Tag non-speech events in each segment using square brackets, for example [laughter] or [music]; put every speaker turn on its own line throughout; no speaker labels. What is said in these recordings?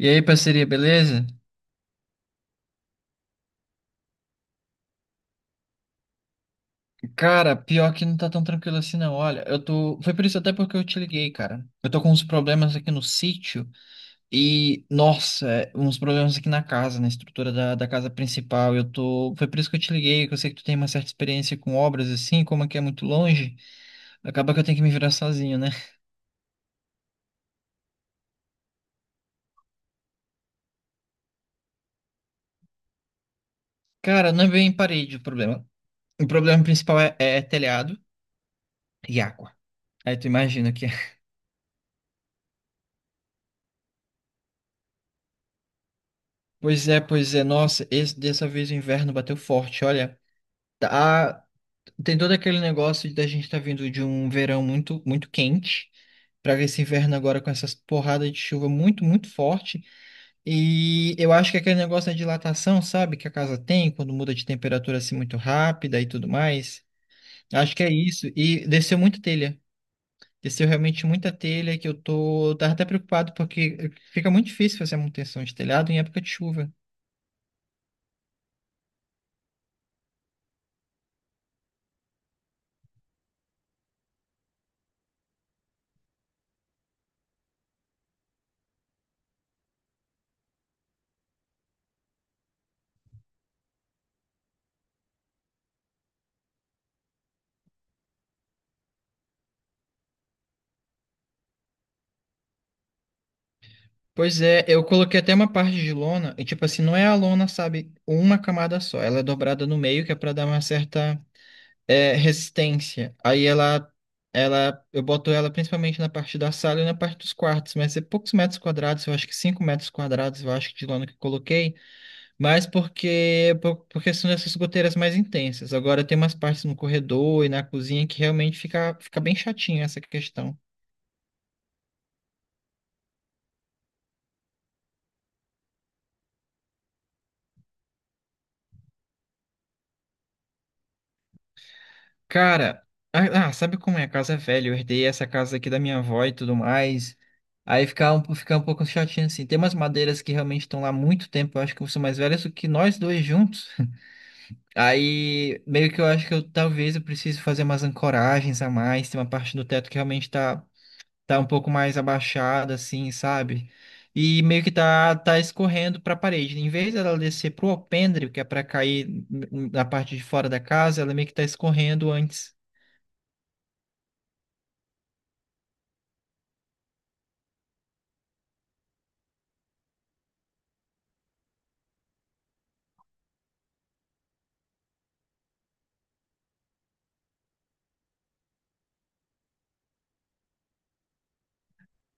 E aí, parceria, beleza? Cara, pior que não tá tão tranquilo assim, não. Olha, eu tô. Foi por isso até porque eu te liguei, cara. Eu tô com uns problemas aqui no sítio e, nossa, uns problemas aqui na casa, na estrutura da casa principal. Eu tô. Foi por isso que eu te liguei, que eu sei que tu tem uma certa experiência com obras assim, como aqui é muito longe, acaba que eu tenho que me virar sozinho, né? Cara, não é bem parede o problema. O problema principal é telhado e água. Aí tu imagina que. [laughs] Pois é, nossa, esse, dessa vez o inverno bateu forte, olha. Tá, tem todo aquele negócio da gente estar vindo de um verão muito, muito quente para esse inverno agora com essas porradas de chuva muito, muito forte. E eu acho que aquele negócio da dilatação, sabe, que a casa tem quando muda de temperatura assim muito rápida e tudo mais. Acho que é isso. E desceu muita telha. Desceu realmente muita telha que eu tava até preocupado porque fica muito difícil fazer a manutenção de telhado em época de chuva. Pois é, eu coloquei até uma parte de lona, e tipo assim, não é a lona, sabe, uma camada só, ela é dobrada no meio, que é pra dar uma certa resistência. Aí ela, eu boto ela principalmente na parte da sala e na parte dos quartos, mas é poucos metros quadrados, eu acho que 5 metros quadrados, eu acho que de lona que eu coloquei, mas porque, por questão dessas goteiras mais intensas. Agora tem umas partes no corredor e na cozinha que realmente fica bem chatinho essa questão. Cara, sabe como é? A casa é velha. Eu herdei essa casa aqui da minha avó e tudo mais. Aí fica um pouco chatinho assim. Tem umas madeiras que realmente estão lá há muito tempo. Eu acho que são mais velhas do que nós dois juntos. [laughs] Aí meio que eu acho que eu talvez eu precise fazer umas ancoragens a mais. Tem uma parte do teto que realmente tá um pouco mais abaixada, assim, sabe? E meio que tá escorrendo para a parede. Em vez dela descer pro alpendre, que é para cair na parte de fora da casa, ela meio que tá escorrendo antes.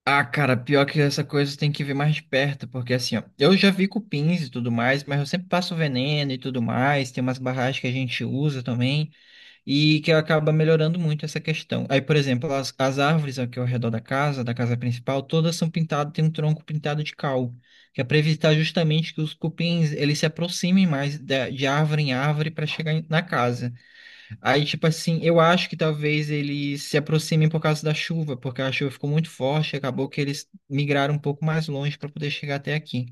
Ah, cara, pior que essa coisa tem que ver mais de perto, porque assim, ó, eu já vi cupins e tudo mais, mas eu sempre passo veneno e tudo mais, tem umas barragens que a gente usa também, e que acaba melhorando muito essa questão. Aí, por exemplo, as árvores aqui ao redor da casa principal, todas são pintadas, tem um tronco pintado de cal, que é para evitar justamente que os cupins, eles se aproximem mais da- de, árvore em árvore para chegar em- na casa. Aí, tipo assim, eu acho que talvez eles se aproximem por causa da chuva, porque a chuva ficou muito forte, e acabou que eles migraram um pouco mais longe para poder chegar até aqui.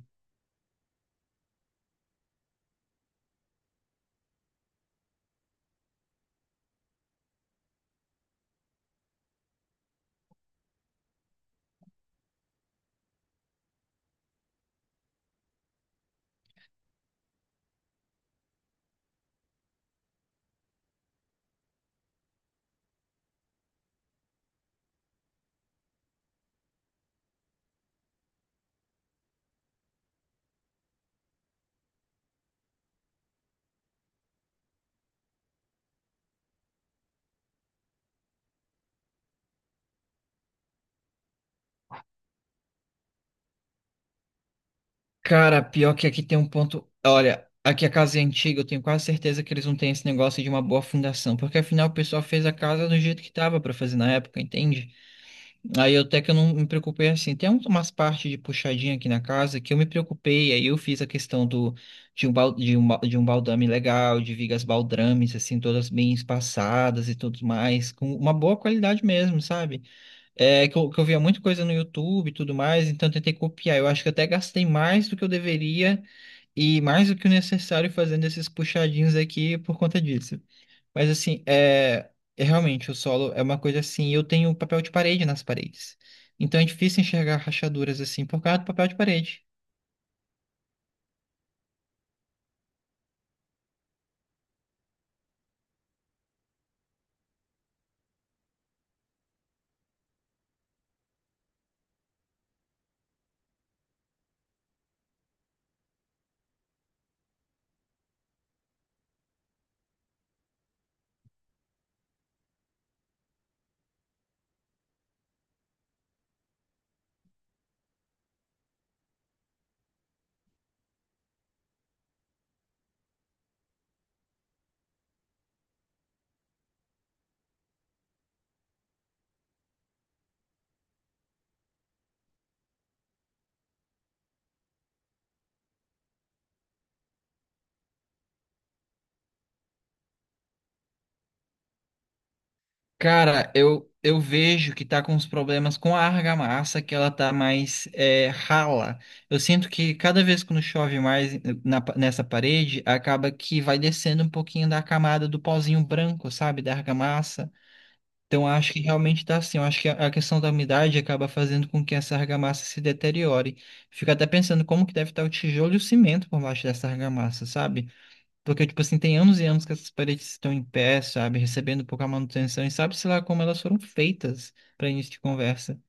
Cara, pior que aqui tem um ponto. Olha, aqui a casa é antiga, eu tenho quase certeza que eles não têm esse negócio de uma boa fundação, porque afinal o pessoal fez a casa do jeito que tava para fazer na época, entende? Aí eu até que eu não me preocupei assim. Tem um- umas partes de puxadinha aqui na casa que eu me preocupei. Aí eu fiz a questão do, de, um, bal- de, um, ba- de um baldame legal, de vigas baldrames, assim, todas bem espaçadas e tudo mais, com uma boa qualidade mesmo, sabe? É que eu via muita coisa no YouTube e tudo mais, então eu tentei copiar. Eu acho que até gastei mais do que eu deveria e mais do que o necessário fazendo esses puxadinhos aqui por conta disso. Mas assim, é realmente o solo é uma coisa assim, e eu tenho papel de parede nas paredes. Então é difícil enxergar rachaduras assim por causa do papel de parede. Cara, eu vejo que tá com uns problemas com a argamassa, que ela tá mais rala. Eu sinto que cada vez que chove mais na pa- nessa parede, acaba que vai descendo um pouquinho da camada do pozinho branco, sabe? Da argamassa. Então, eu acho que realmente está assim. Eu acho que a questão da umidade acaba fazendo com que essa argamassa se deteriore. Fico até pensando como que deve estar o tijolo e o cimento por baixo dessa argamassa, sabe? Porque, tipo assim, tem anos e anos que essas paredes estão em pé, sabe? Recebendo pouca manutenção e sabe-se lá como elas foram feitas para início de conversa.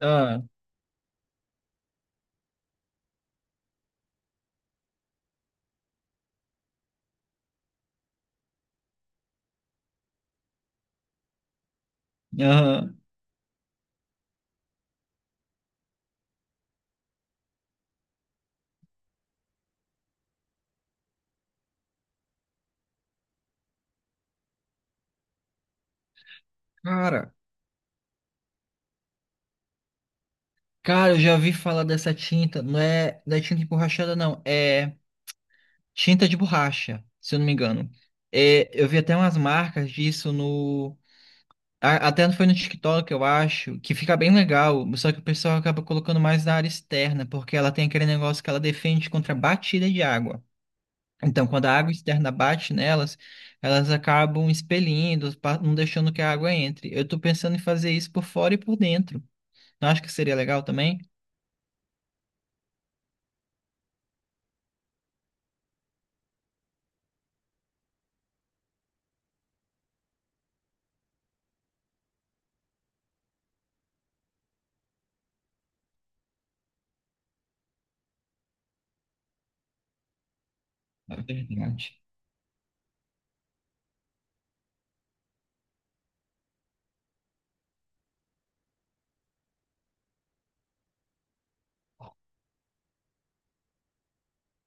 Ah, aham. Cara, cara, eu já ouvi falar dessa tinta. Não é tinta emborrachada, não. É tinta de borracha, se eu não me engano. É, eu vi até umas marcas disso no A- Até foi no TikTok, eu acho, que fica bem legal, só que o pessoal acaba colocando mais na área externa, porque ela tem aquele negócio que ela defende contra batida de água. Então, quando a água externa bate nelas, elas acabam expelindo, pa- não deixando que a água entre. Eu tô pensando em fazer isso por fora e por dentro. Não acho que seria legal também? É verdade.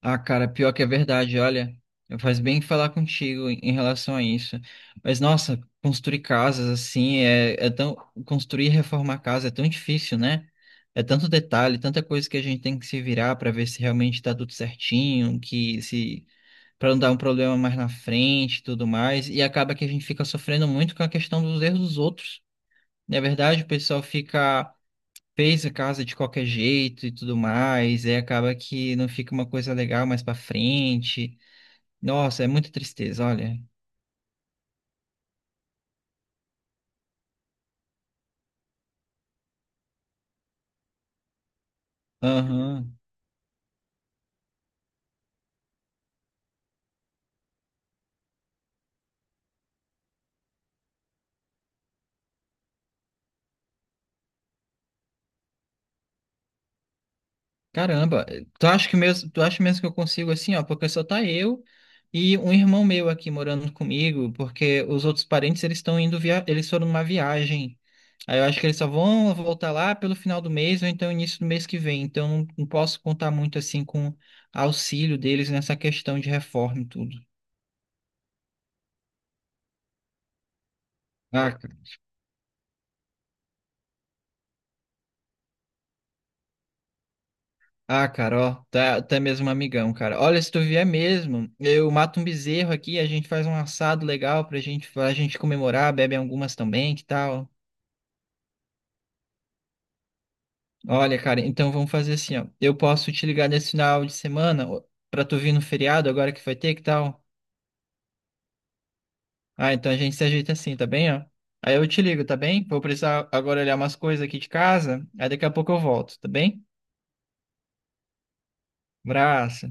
Ah, cara, pior que é verdade, olha, faz bem falar contigo em relação a isso. Mas, nossa, construir casas assim é tão. Construir e reformar casa é tão difícil, né? É tanto detalhe, tanta coisa que a gente tem que se virar para ver se realmente está tudo certinho, que se. Para não dar um problema mais na frente e tudo mais. E acaba que a gente fica sofrendo muito com a questão dos erros dos outros. Na verdade, o pessoal fica fez a casa de qualquer jeito e tudo mais, e acaba que não fica uma coisa legal mais pra frente. Nossa, é muita tristeza, olha. Aham. Caramba, tu acha mesmo que eu consigo assim, ó, porque só tá eu e um irmão meu aqui morando comigo, porque os outros parentes eles estão indo via, eles foram numa viagem. Aí eu acho que eles só vão voltar lá pelo final do mês ou então início do mês que vem. Então não posso contar muito assim com auxílio deles nessa questão de reforma e tudo. Ah, ah, cara, ó, tá mesmo um amigão, cara. Olha, se tu vier mesmo, eu mato um bezerro aqui, a gente faz um assado legal pra gente comemorar, bebe algumas também, que tal? Olha, cara, então vamos fazer assim, ó. Eu posso te ligar nesse final de semana ó, pra tu vir no feriado agora que vai ter, que tal? Ah, então a gente se ajeita assim, tá bem, ó? Aí eu te ligo, tá bem? Vou precisar agora olhar umas coisas aqui de casa, aí daqui a pouco eu volto, tá bem? Abraço.